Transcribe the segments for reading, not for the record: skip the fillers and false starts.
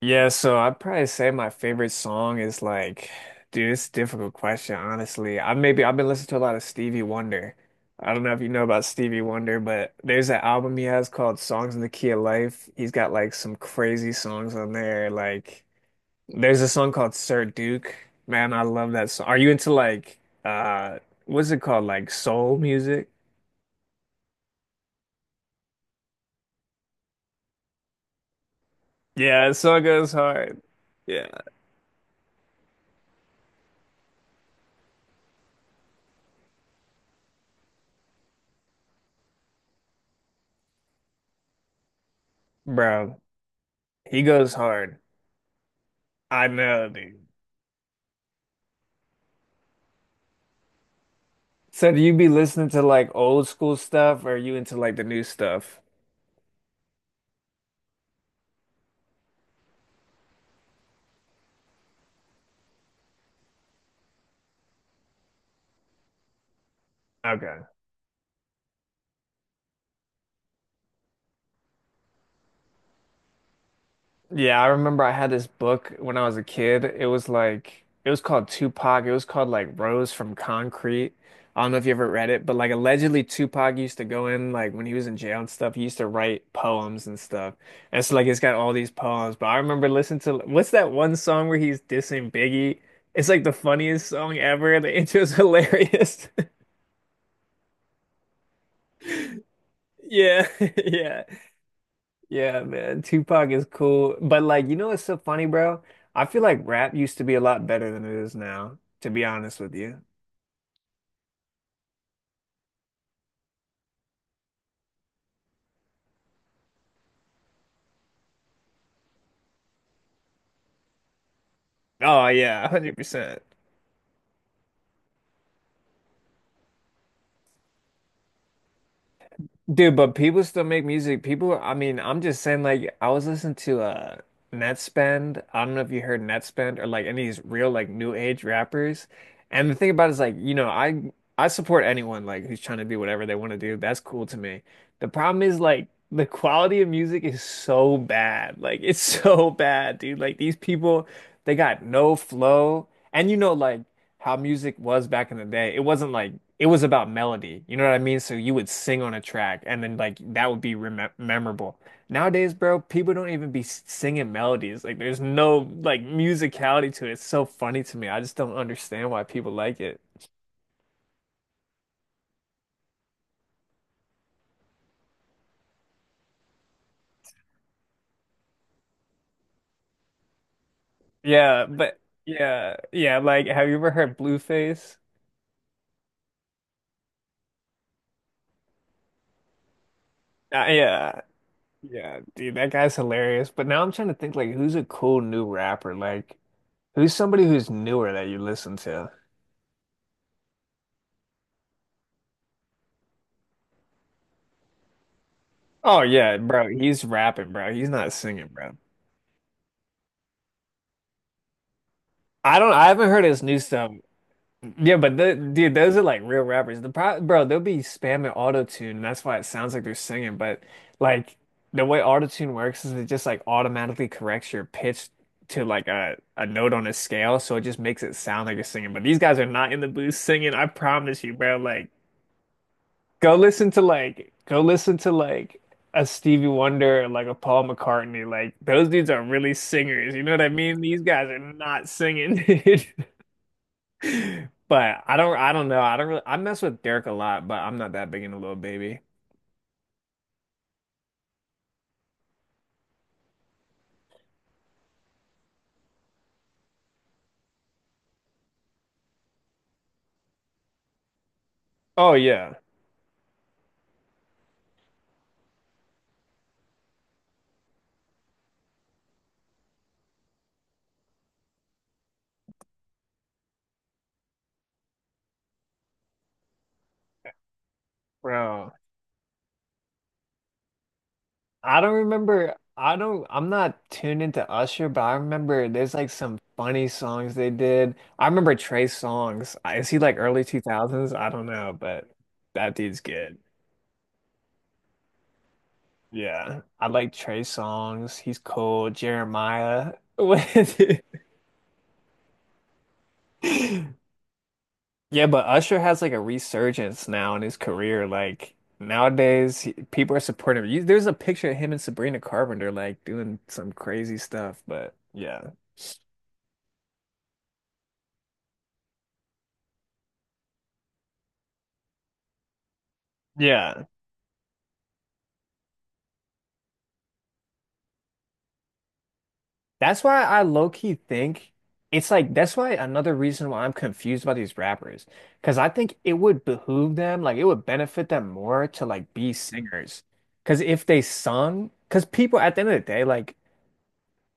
Yeah, so I'd probably say my favorite song is like, dude, it's a difficult question, honestly. I maybe I've been listening to a lot of Stevie Wonder. I don't know if you know about Stevie Wonder, but there's an album he has called Songs in the Key of Life. He's got like some crazy songs on there. Like there's a song called Sir Duke. Man, I love that song. Are you into like uh what's it called? Like soul music? Yeah, that song goes hard. Yeah. Bro, he goes hard. I know, dude. So do you be listening to like old school stuff or are you into like the new stuff? Okay. Yeah, I remember I had this book when I was a kid. It was like it was called Tupac. It was called like Rose from Concrete. I don't know if you ever read it, but like allegedly Tupac used to go in like when he was in jail and stuff, he used to write poems and stuff. And so like it's got all these poems. But I remember listening to what's that one song where he's dissing Biggie? It's like the funniest song ever. The intro's hilarious. Yeah, yeah. Yeah, man, Tupac is cool. But like, you know what's so funny, bro? I feel like rap used to be a lot better than it is now, to be honest with you. Oh yeah, 100%. Dude, but people still make music. People, I mean, I'm just saying, like, I was listening to Netspend. I don't know if you heard Netspend or like any of these real like new age rappers. And the thing about it is like, you know, I support anyone like who's trying to do whatever they want to do. That's cool to me. The problem is like the quality of music is so bad. Like it's so bad, dude. Like these people, they got no flow. And you know, like how music was back in the day. It wasn't like it was about melody. You know what I mean? So you would sing on a track and then like that would be remem memorable. Nowadays, bro, people don't even be singing melodies. Like there's no like musicality to it. It's so funny to me. I just don't understand why people like it. Yeah, but yeah, yeah, like have you ever heard Blueface? Yeah. Yeah, dude, that guy's hilarious. But now I'm trying to think like who's a cool new rapper? Like who's somebody who's newer that you listen to? Oh yeah, bro. He's rapping, bro. He's not singing, bro. I don't. I haven't heard his new stuff. Yeah, but dude, those are like real rappers. The pro, bro, they'll be spamming auto tune, and that's why it sounds like they're singing. But like the way auto tune works is it just like automatically corrects your pitch to like a note on a scale, so it just makes it sound like you're singing. But these guys are not in the booth singing. I promise you, bro. Like. Go listen to like a Stevie Wonder or like a Paul McCartney. Like those dudes are really singers. You know what I mean? These guys are not singing, dude. But I don't know. I don't really I mess with Derek a lot, but I'm not that big into Lil Baby. Oh yeah, bro. I don't remember I don't I'm not tuned into Usher, but I remember there's like some funny songs they did. I remember Trey Songz. Is he like early 2000s? I don't know, but that dude's good. Yeah, I like Trey Songz. He's cool. Jeremiah. Yeah, but Usher has like a resurgence now in his career. Like nowadays, people are supporting him. You, there's a picture of him and Sabrina Carpenter like doing some crazy stuff. But yeah, yeah. That's why I low key think it's like that's why another reason why I'm confused about these rappers. Cause I think it would behoove them, like it would benefit them more to like be singers. Cause if they sung, cause people at the end of the day, like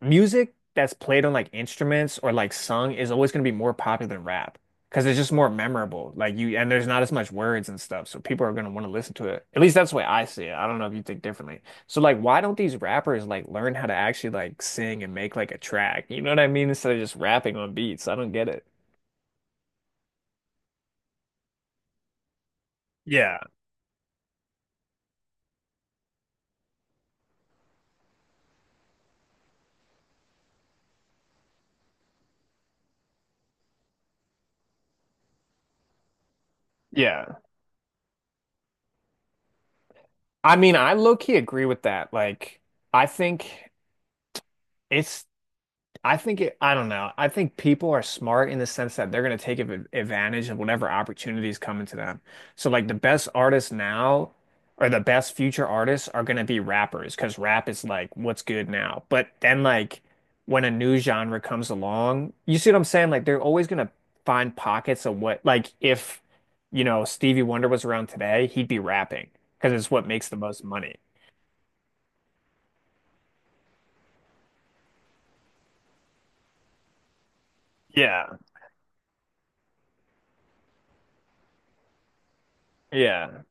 music that's played on like instruments or like sung is always going to be more popular than rap because it's just more memorable. Like you, and there's not as much words and stuff, so people are going to want to listen to it. At least that's the way I see it. I don't know if you think differently. So like, why don't these rappers like learn how to actually like sing and make like a track? You know what I mean? Instead of just rapping on beats. I don't get it. Yeah. Yeah. I mean, I low key agree with that. Like, I think. It's I don't know. I think people are smart in the sense that they're going to take advantage of whatever opportunities come to them. So, like, the best artists now or the best future artists are going to be rappers because rap is like what's good now. But then, like, when a new genre comes along, you see what I'm saying? Like, they're always going to find pockets of what, like, if, you know, Stevie Wonder was around today, he'd be rapping because it's what makes the most money. Yeah. Yeah.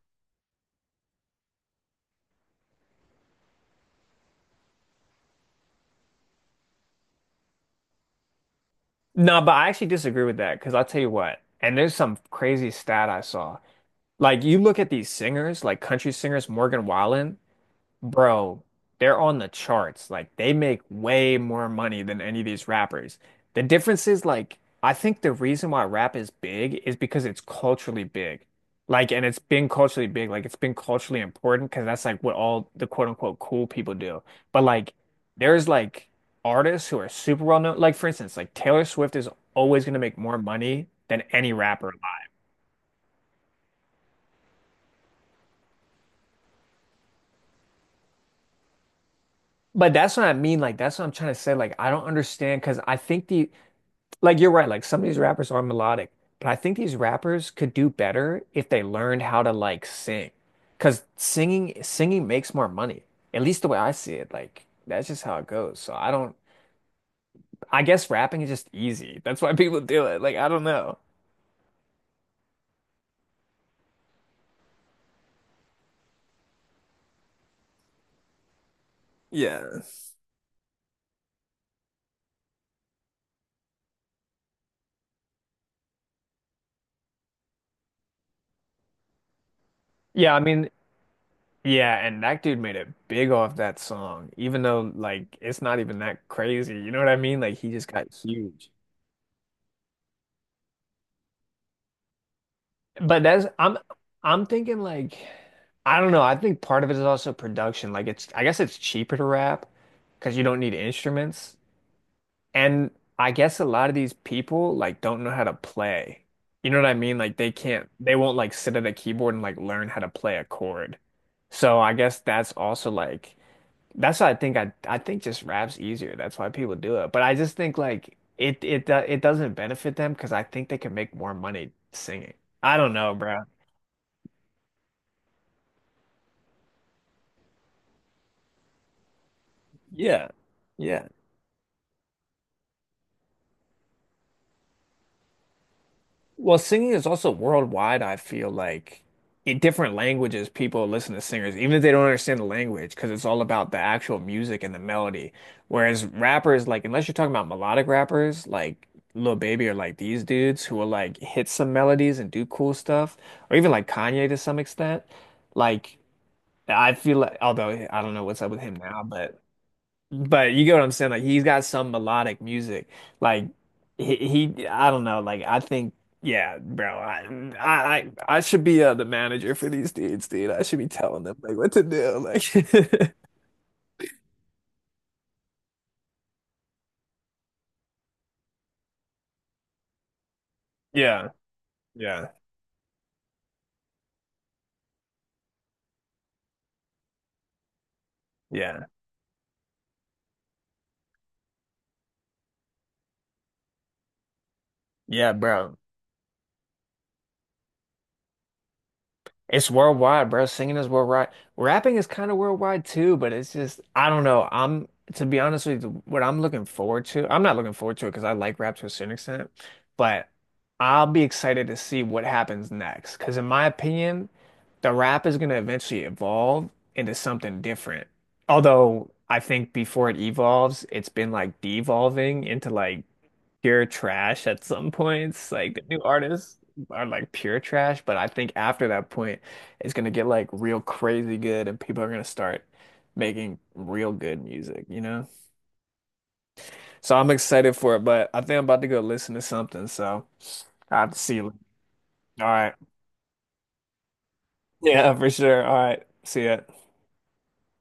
No, but I actually disagree with that because I'll tell you what, and there's some crazy stat I saw. Like you look at these singers, like country singers, Morgan Wallen, bro, they're on the charts. Like they make way more money than any of these rappers. The difference is like I think the reason why rap is big is because it's culturally big. Like and it's been culturally big, like it's been culturally important because that's like what all the quote unquote cool people do. But like there's like artists who are super well known. Like for instance, like Taylor Swift is always gonna make more money than any rapper. Alive. But that's what I mean. Like, that's what I'm trying to say. Like, I don't understand because I think the like you're right, like some of these rappers are melodic, but I think these rappers could do better if they learned how to like sing, because singing makes more money. At least the way I see it, like that's just how it goes. So I don't I guess rapping is just easy. That's why people do it. Like I don't know. Yeah. Yeah, I mean, yeah, and that dude made it big off that song, even though like it's not even that crazy. You know what I mean? Like he just got huge. But that's I'm thinking like I don't know. I think part of it is also production. Like it's I guess it's cheaper to rap because you don't need instruments. And I guess a lot of these people like don't know how to play. You know what I mean? Like they won't like sit at a keyboard and like learn how to play a chord. So I guess that's also like that's why I think just rap's easier. That's why people do it. But I just think like it doesn't benefit them because I think they can make more money singing. I don't know, bro. Yeah. Yeah. Well, singing is also worldwide, I feel like in different languages, people listen to singers, even if they don't understand the language, because it's all about the actual music and the melody. Whereas rappers, like, unless you're talking about melodic rappers, like Lil Baby or like these dudes who will like hit some melodies and do cool stuff, or even like Kanye to some extent, like, I feel like, although I don't know what's up with him now, but. But you get what I'm saying? Like he's got some melodic music. Like he, he I don't know. Like I think, yeah, bro. I should be the manager for these dudes, dude. I should be telling them like what to do. Like, yeah, yeah, yeah, yeah, bro. It's worldwide, bro. Singing is worldwide. Rapping is kind of worldwide too, but it's just I don't know. I'm To be honest with you, what I'm looking forward to. I'm not looking forward to it because I like rap to a certain extent, but I'll be excited to see what happens next. Because in my opinion, the rap is going to eventually evolve into something different. Although I think before it evolves, it's been like devolving into like pure trash at some points. Like the new artists are like pure trash, but I think after that point, it's gonna get like real crazy good, and people are gonna start making real good music, you know? So I'm excited for it, but I think I'm about to go listen to something. So I have to see you. All right. Yeah, for sure. All right. See ya.